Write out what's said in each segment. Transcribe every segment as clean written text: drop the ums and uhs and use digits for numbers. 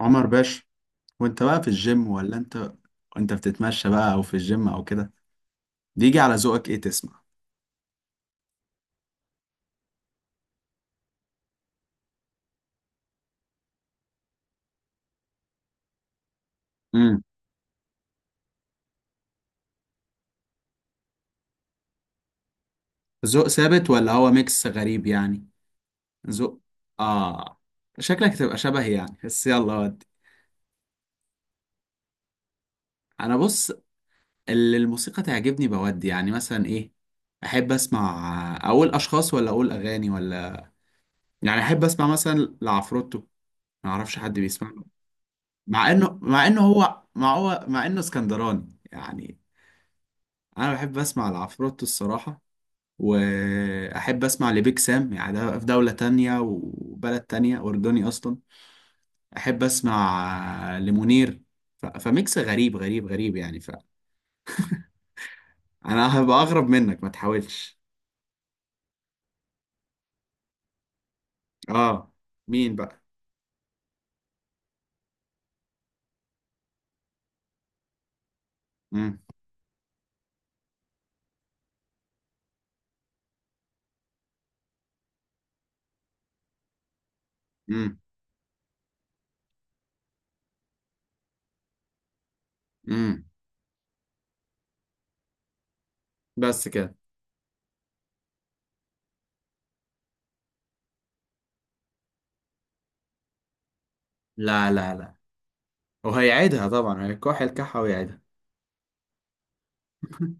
عمر باشا، وانت بقى في الجيم ولا انت بتتمشى بقى او في الجيم او كده؟ بيجي على ذوقك ايه تسمع؟ امم. ذوق ثابت ولا هو ميكس غريب يعني؟ ذوق. اه. شكلك تبقى شبه يعني، بس يلا ودي. انا بص، اللي الموسيقى تعجبني بودي يعني مثلا ايه، احب اسمع، اقول اشخاص ولا اقول اغاني ولا، يعني احب اسمع مثلا لعفروتو. ما اعرفش حد بيسمع له، مع انه هو مع انه اسكندراني يعني. انا بحب اسمع لعفروتو الصراحة، واحب اسمع لبيك سام، يعني ده في دولة تانية وبلد تانية، اردني اصلا. احب اسمع لمنير. فميكس غريب غريب غريب يعني، فانا هبقى اغرب منك، ما تحاولش. اه. مين بقى؟ مم. مم. مم. بس كده. لا لا لا. وهيعيدها طبعا، هيكح الكحة ويعيدها.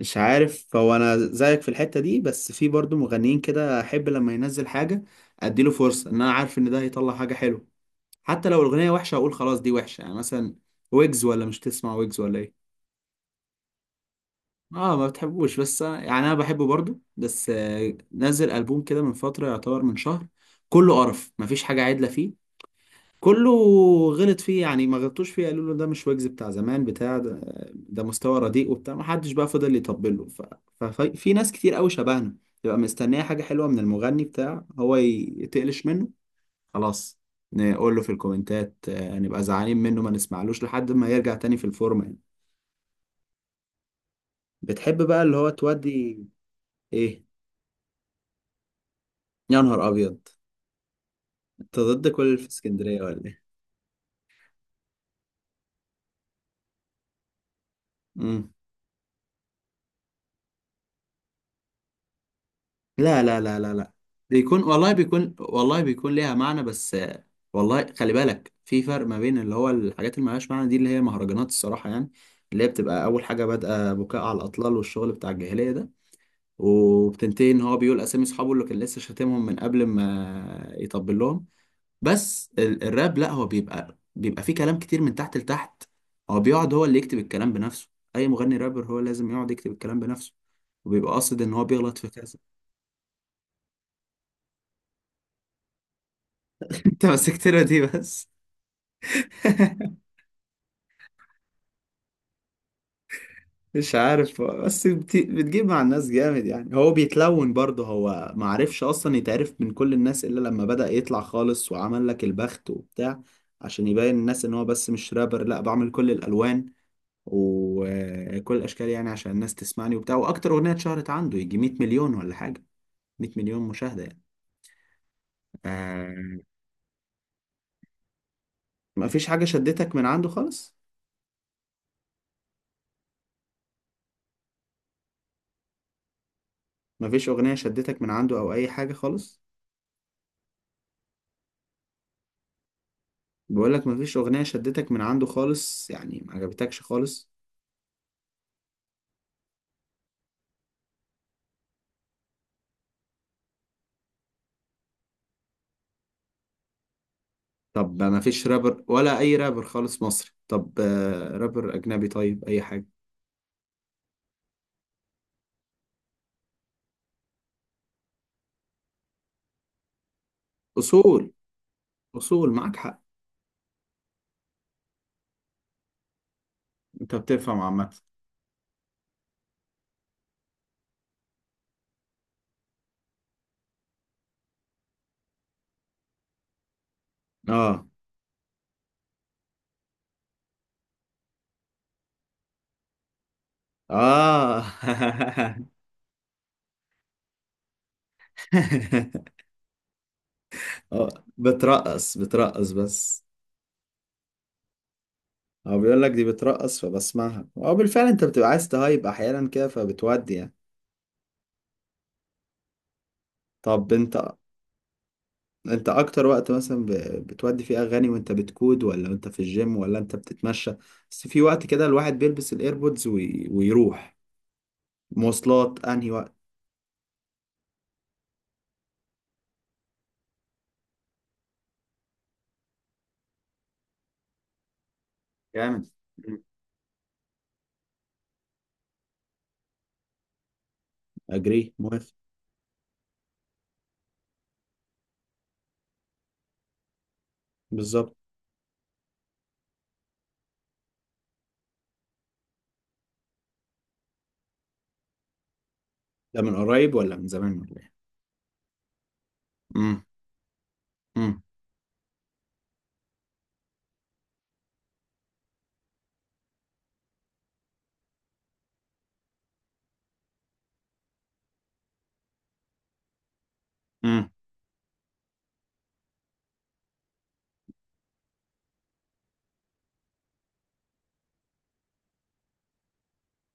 مش عارف، هو انا زيك في الحتة دي، بس في برضو مغنيين كده احب لما ينزل حاجة اديله فرصة، ان انا عارف ان ده هيطلع حاجة حلوة. حتى لو الاغنيه وحشه اقول خلاص دي وحشه، يعني مثلا ويجز، ولا مش تسمع ويجز ولا ايه؟ اه ما بتحبوش، بس يعني انا بحبه برضو، بس نزل البوم كده من فتره، يعتبر من شهر، كله قرف، مفيش حاجه عدله فيه. كله غلط فيه يعني، ما غلطوش فيه، قالوا له ده مش ويجز بتاع زمان بتاع ده، ده مستوى رديء وبتاع، ما حدش بقى فضل يطبل له. ففي ناس كتير قوي شبهنا تبقى مستنيه حاجه حلوه من المغني بتاع هو، يتقلش منه خلاص، نقول له في الكومنتات نبقى زعلانين منه، ما نسمعلوش لحد ما يرجع تاني في الفورمة يعني. بتحب بقى اللي هو تودي؟ ايه؟ يا نهار ابيض، انت ضد كل اللي في اسكندرية ولا ايه؟ مم. لا لا لا لا لا. بيكون والله، بيكون والله، بيكون ليها معنى، بس والله خلي بالك، في فرق ما بين اللي هو الحاجات اللي ملهاش معنى دي، اللي هي مهرجانات الصراحة يعني، اللي هي بتبقى أول حاجة بادئة بكاء على الأطلال والشغل بتاع الجاهلية ده، وبتنتهي إن هو بيقول أسامي أصحابه اللي كان لسه شاتمهم من قبل ما يطبل لهم. بس الراب لا، هو بيبقى فيه كلام كتير من تحت لتحت. هو بيقعد، هو اللي يكتب الكلام بنفسه، اي مغني رابر هو لازم يقعد يكتب الكلام بنفسه، وبيبقى قاصد ان هو بيغلط في كذا. انت مسكتنا دي بس. مش عارف، بس بتجيب مع الناس جامد يعني، هو بيتلون برضه، هو معرفش اصلا يتعرف من كل الناس الا لما بدأ يطلع خالص وعمل لك البخت وبتاع، عشان يبين الناس ان هو بس مش رابر، لا بعمل كل الالوان وكل الاشكال يعني، عشان الناس تسمعني وبتاع، واكتر اغنيه اتشهرت عنده يجي 100 مليون ولا حاجه، 100 مليون مشاهده يعني. آه. ما فيش حاجه شدتك من عنده خالص؟ ما فيش اغنيه شدتك من عنده او اي حاجه خالص؟ بقول لك ما فيش اغنيه شدتك من عنده خالص، يعني ما عجبتكش خالص؟ طب ما فيش رابر، ولا اي رابر خالص مصري؟ طب رابر اجنبي، طيب اي حاجه. اصول، اصول معاك حق. انت بتفهم عامه. اه. اه. اه، بترقص بترقص بس. هو بيقول لك دي بترقص، فبسمعها اه بالفعل، انت بتبقى عايز تهايب احيانا كده، فبتودي يعني. طب انت، انت اكتر وقت مثلا بتودي فيه اغاني، وانت بتكود، ولا انت في الجيم، ولا انت بتتمشى؟ بس في وقت كده الواحد بيلبس الايربودز ويروح مواصلات، انهي وقت؟ جامد. اجري موافق. بالظبط. ده من قريب ولا من زمان ولا ايه؟ امم. امم. امم.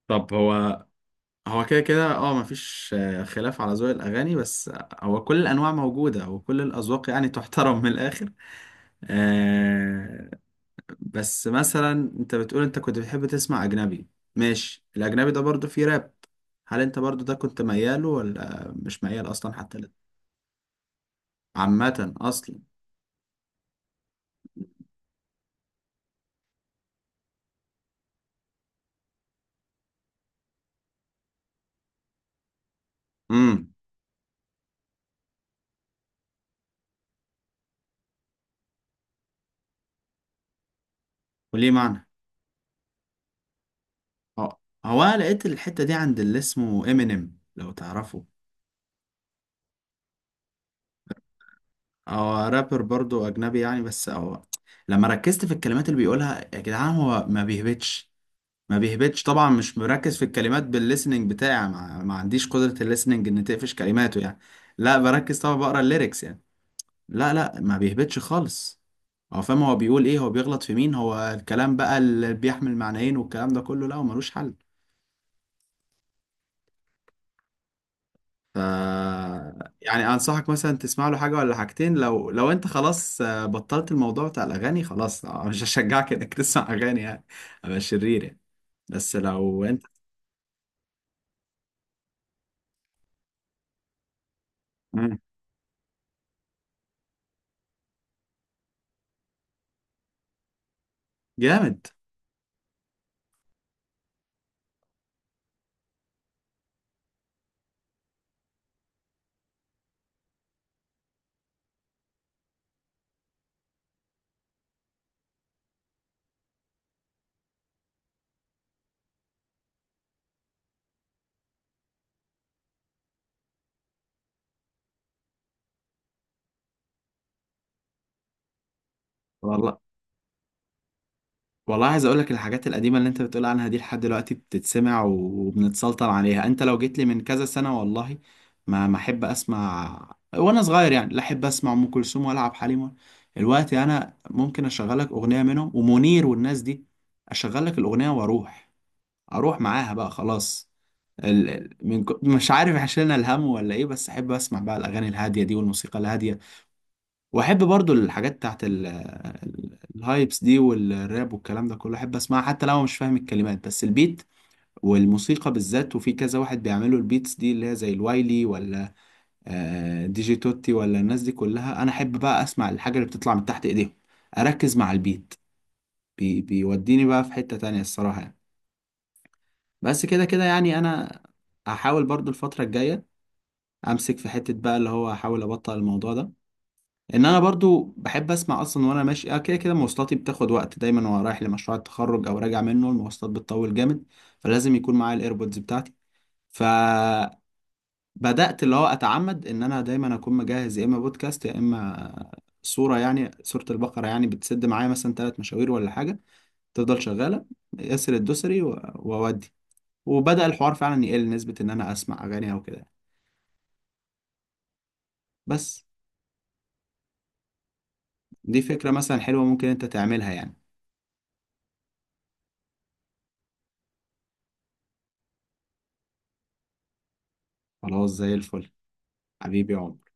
طب هو، هو كده كده اه، مفيش خلاف على ذوق الاغاني، بس هو كل الانواع موجوده، وكل الاذواق يعني تحترم من الاخر. آه. بس مثلا، انت بتقول انت كنت بتحب تسمع اجنبي، ماشي، الاجنبي ده برضو فيه راب، هل انت برضو ده كنت مياله، ولا مش ميال اصلا حتى لده؟ عامه اصلا. امم. وليه معنى. اه، هو أنا لقيت الحته دي عند اللي اسمه امينيم لو تعرفه، هو رابر برضو اجنبي يعني، بس هو لما ركزت في الكلمات اللي بيقولها يا جدعان، هو ما بيهبطش، ما بيهبطش طبعا، مش مركز في الكلمات بالليسننج بتاعي، ما عنديش قدرة الليسننج ان تقفش كلماته يعني. لا بركز طبعا، بقرا الليركس يعني. لا لا، ما بيهبطش خالص، هو فاهم هو بيقول ايه، هو بيغلط في مين، هو الكلام بقى اللي بيحمل معنيين والكلام ده كله، لا هو ملوش حل. ف يعني انصحك مثلا تسمع له حاجه ولا حاجتين، لو انت خلاص بطلت الموضوع بتاع الاغاني خلاص، مش هشجعك انك تسمع اغاني يعني، ابقى شرير يعني، بس لو انت. مم. جامد. والله، والله عايز اقول لك، الحاجات القديمه اللي انت بتقول عنها دي، لحد دلوقتي بتتسمع وبنتسلطن عليها، انت لو جيت لي من كذا سنه والله ما احب اسمع وانا صغير يعني، لا احب اسمع ام كلثوم، ولا عبد الحليم دلوقتي انا ممكن اشغل لك اغنيه منهم ومنير والناس دي، اشغل لك الاغنيه واروح، اروح معاها بقى خلاص. مش عارف، عشان الهم ولا ايه، بس احب اسمع بقى الاغاني الهاديه دي والموسيقى الهاديه. واحب برضو الحاجات بتاعت الهايبس دي، والراب والكلام ده كله، احب اسمعها حتى لو أنا مش فاهم الكلمات، بس البيت والموسيقى بالذات، وفي كذا واحد بيعملوا البيتس دي اللي هي زي الوايلي ولا دي جي توتي، ولا الناس دي كلها، انا احب بقى اسمع الحاجة اللي بتطلع من تحت ايديهم، اركز مع البيت، بيوديني بقى في حتة تانية الصراحة يعني. بس كده كده يعني انا هحاول برضو الفترة الجاية امسك في حتة، بقى اللي هو احاول ابطل الموضوع ده، ان انا برضو بحب اسمع اصلا وانا ماشي، كده كده مواصلاتي بتاخد وقت دايما، وانا رايح لمشروع التخرج او راجع منه المواصلات بتطول جامد، فلازم يكون معايا الايربودز بتاعتي. فبدات، اللي هو اتعمد ان انا دايما اكون مجهز يا اما بودكاست يا اما صوره، يعني صوره البقره يعني بتسد معايا مثلا 3 مشاوير ولا حاجه، تفضل شغاله، ياسر الدوسري واودي، وبدا الحوار فعلا يقل نسبه ان انا اسمع اغاني او كده. بس دي فكره مثلا حلوه، ممكن انت تعملها يعني. خلاص زي الفل، حبيبي يا عمر.